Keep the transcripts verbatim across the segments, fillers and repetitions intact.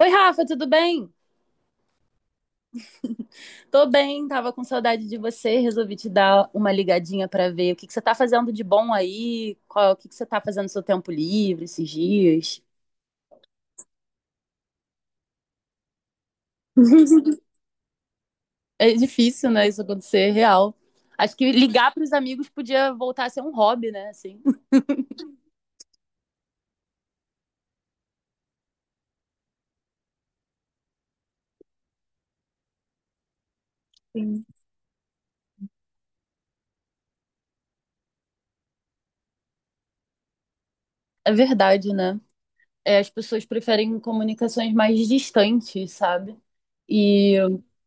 Oi, Rafa, tudo bem? Tô bem, tava com saudade de você, resolvi te dar uma ligadinha pra ver o que que você tá fazendo de bom aí, qual, o que que você tá fazendo no seu tempo livre esses dias. É difícil, né, isso acontecer, real. Acho que ligar pros amigos podia voltar a ser um hobby, né, assim. Sim. É verdade, né? É, as pessoas preferem comunicações mais distantes, sabe? E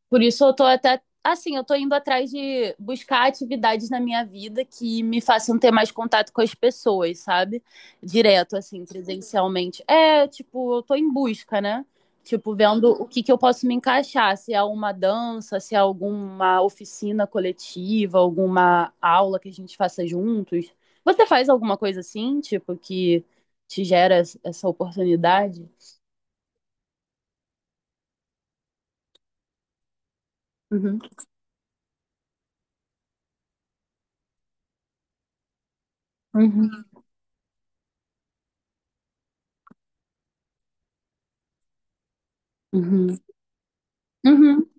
por isso eu tô até, assim, eu tô indo atrás de buscar atividades na minha vida que me façam ter mais contato com as pessoas, sabe? Direto, assim, presencialmente. É, tipo, eu tô em busca, né? Tipo, vendo o que que eu posso me encaixar, se é uma dança, se é alguma oficina coletiva, alguma aula que a gente faça juntos. Você faz alguma coisa assim, tipo, que te gera essa oportunidade. Uhum. Uhum. Uhum. Uhum.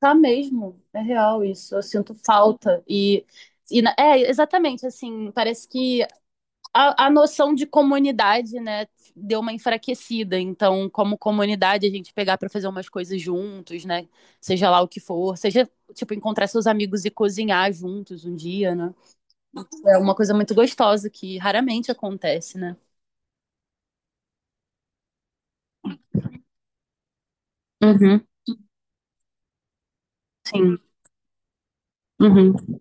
Tá mesmo, é real isso. Eu sinto falta. E, e na- é, exatamente, assim, parece que a, a noção de comunidade, né, deu uma enfraquecida. Então, como comunidade, a gente pegar para fazer umas coisas juntos, né, seja lá o que for, seja, tipo, encontrar seus amigos e cozinhar juntos um dia, né, é uma coisa muito gostosa que raramente acontece, né? Uhum. Sim. Uhum.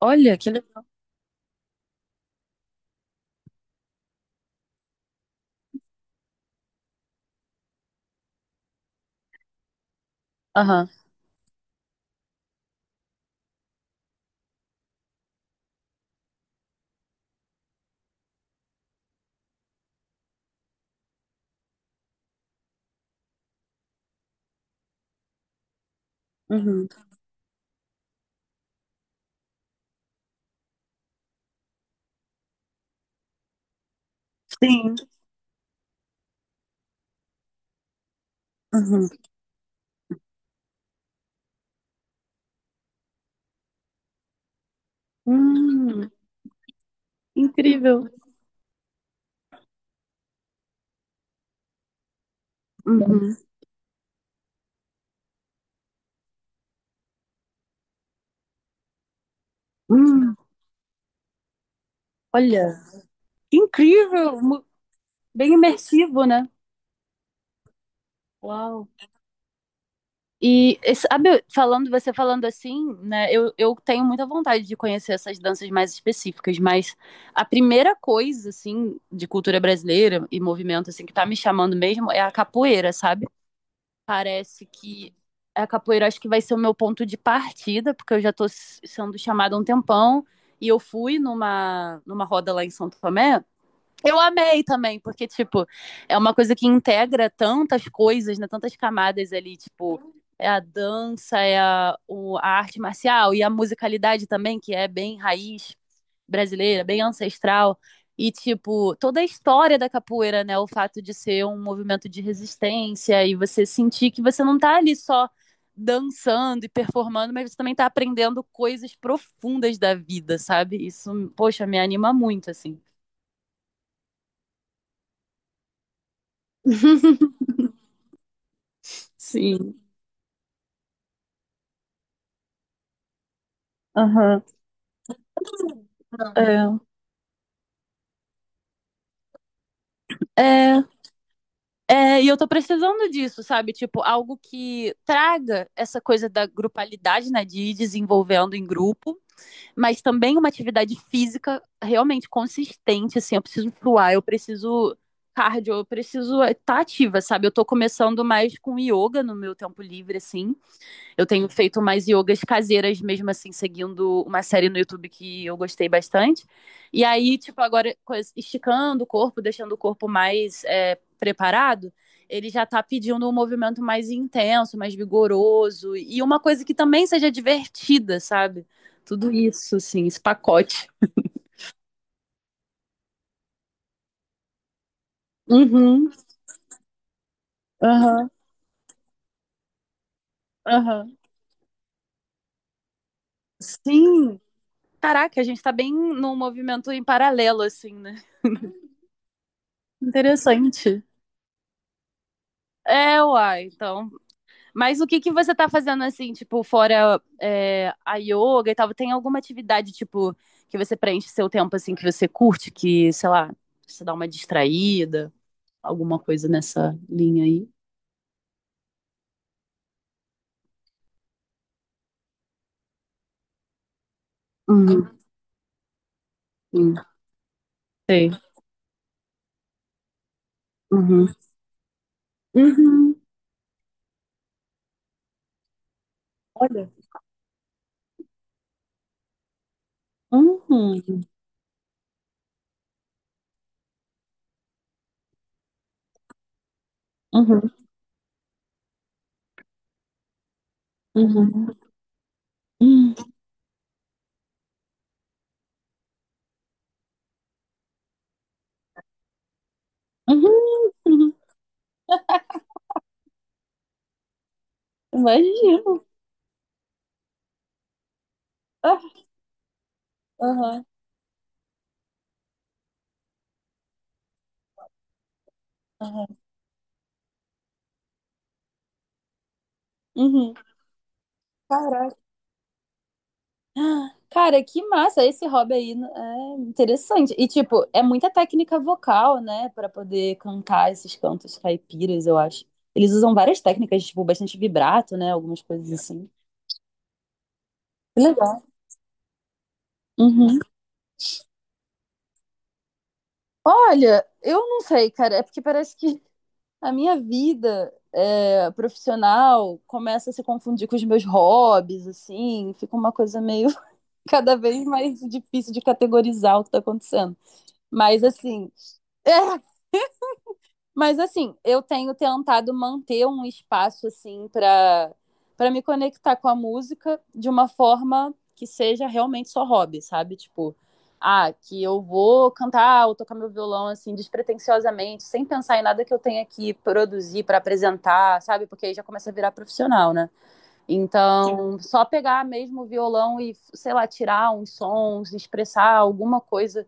Olha, que legal. Uhum. Sim. Uhum. Hum, incrível. Uhum. Hum, olha, que incrível, mu- bem imersivo, né? Uau. E e sabe, falando, você falando assim, né? Eu, eu tenho muita vontade de conhecer essas danças mais específicas, mas a primeira coisa, assim, de cultura brasileira e movimento, assim, que tá me chamando mesmo é a capoeira, sabe? Parece que a capoeira acho que vai ser o meu ponto de partida, porque eu já tô s- sendo chamada há um tempão. E eu fui numa, numa roda lá em São Tomé, eu amei também, porque, tipo, é uma coisa que integra tantas coisas, né? Tantas camadas ali, tipo, é a dança, é a, o- a arte marcial e a musicalidade também, que é bem raiz brasileira, bem ancestral. E, tipo, toda a história da capoeira, né? O fato de ser um movimento de resistência e você sentir que você não tá ali só dançando e performando, mas você também tá aprendendo coisas profundas da vida, sabe? Isso, poxa, me anima muito, assim. Sim. Aham. É, é, é, e eu tô precisando disso, sabe? Tipo, algo que traga essa coisa da grupalidade, né? De ir desenvolvendo em grupo, mas também uma atividade física realmente consistente, assim. Eu preciso fluar, eu preciso cardio, eu preciso estar ativa, sabe? Eu tô começando mais com yoga no meu tempo livre, assim. Eu tenho feito mais yogas caseiras, mesmo assim, seguindo uma série no YouTube que eu gostei bastante. E aí, tipo, agora esticando o corpo, deixando o corpo mais é, preparado, ele já tá pedindo um movimento mais intenso, mais vigoroso. E uma coisa que também seja divertida, sabe? Tudo isso, assim, esse pacote. Uhum, aham, aham. Sim. Caraca, a gente tá bem num movimento em paralelo, assim, né? Interessante. É, uai, então. Mas o que que você tá fazendo assim, tipo, fora é, a yoga e tal? Tem alguma atividade, tipo, que você preenche seu tempo assim, que você curte, que, sei lá, você dá uma distraída, alguma coisa nessa linha aí? Uhum, sim, sei. Uhum. Uhum. Olha. Uhum. Uhum. Uhum. Uhum. Uhum. Imagino. Ah, aham. Aham. Uhum. Caraca. Cara, que massa! Esse hobby aí é interessante. E, tipo, é muita técnica vocal, né? Pra poder cantar esses cantos caipiras, eu acho. Eles usam várias técnicas, tipo, bastante vibrato, né? Algumas coisas assim. Que legal. Uhum. Olha, eu não sei, cara. É porque parece que a minha vida é, profissional começa a se confundir com os meus hobbies, assim. Fica uma coisa meio cada vez mais difícil de categorizar o que tá acontecendo. Mas, assim. É. Mas assim, eu tenho tentado manter um espaço assim para para me conectar com a música de uma forma que seja realmente só hobby, sabe? Tipo, ah, que eu vou cantar ou tocar meu violão assim despretensiosamente, sem pensar em nada que eu tenha que produzir para apresentar, sabe? Porque aí já começa a virar profissional, né? Então, só pegar mesmo o violão e, sei lá, tirar uns sons, expressar alguma coisa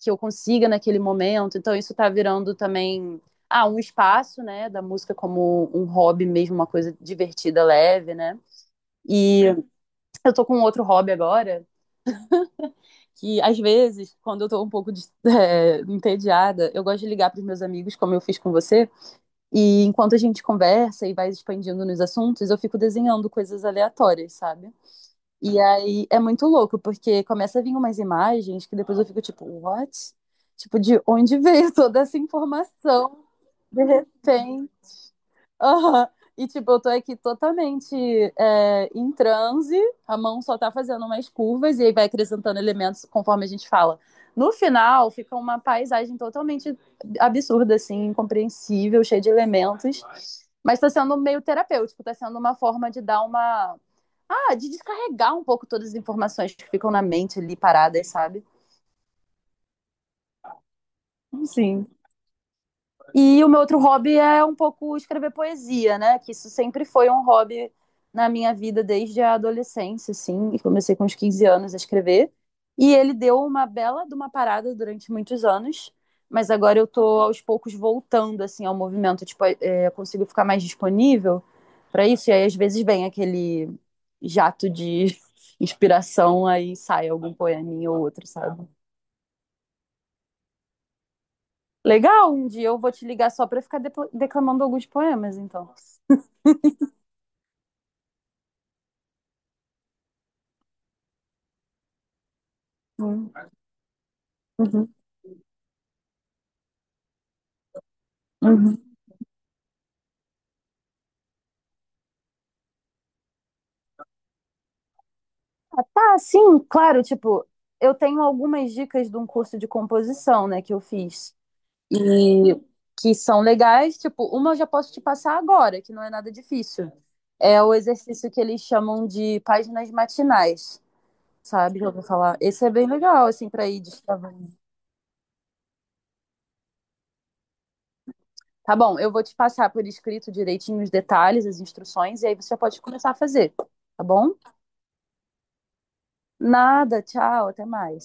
que eu consiga naquele momento. Então isso está virando também ah, um espaço, né, da música como um hobby mesmo, uma coisa divertida, leve, né? E eu tô com outro hobby agora, que às vezes, quando eu tô um pouco de, é, entediada, eu gosto de ligar para os meus amigos, como eu fiz com você, e enquanto a gente conversa e vai expandindo nos assuntos, eu fico desenhando coisas aleatórias, sabe? E aí é muito louco, porque começa a vir umas imagens que depois eu fico tipo, what? Tipo, de onde veio toda essa informação? De repente. Aham. E tipo, eu tô aqui totalmente é, em transe, a mão só tá fazendo umas curvas e aí vai acrescentando elementos conforme a gente fala. No final, fica uma paisagem totalmente absurda, assim, incompreensível, cheia de elementos. Mas tá sendo meio terapêutico, tá sendo uma forma de dar uma. Ah, de descarregar um pouco todas as informações que ficam na mente ali paradas, sabe? Sim. E o meu outro hobby é um pouco escrever poesia, né? Que isso sempre foi um hobby na minha vida desde a adolescência, assim. E comecei com uns quinze anos a escrever. E ele deu uma bela de uma parada durante muitos anos. Mas agora eu tô aos poucos voltando, assim, ao movimento. Tipo, é, é, eu consigo ficar mais disponível para isso. E aí, às vezes, vem aquele jato de inspiração, aí sai algum poeminha ou outro, sabe? Legal, um dia eu vou te ligar só para ficar depo- declamando alguns poemas, então. Uhum, uhum. Uhum. Ah, tá, sim, claro, tipo, eu tenho algumas dicas de um curso de composição, né, que eu fiz. E que são legais, tipo, uma eu já posso te passar agora, que não é nada difícil. É o exercício que eles chamam de páginas matinais, sabe? Já ouviu falar? Esse é bem legal, assim, para ir destravar. Tá bom, eu vou te passar por escrito direitinho os detalhes, as instruções, e aí você já pode começar a fazer, tá bom? Nada, tchau, até mais.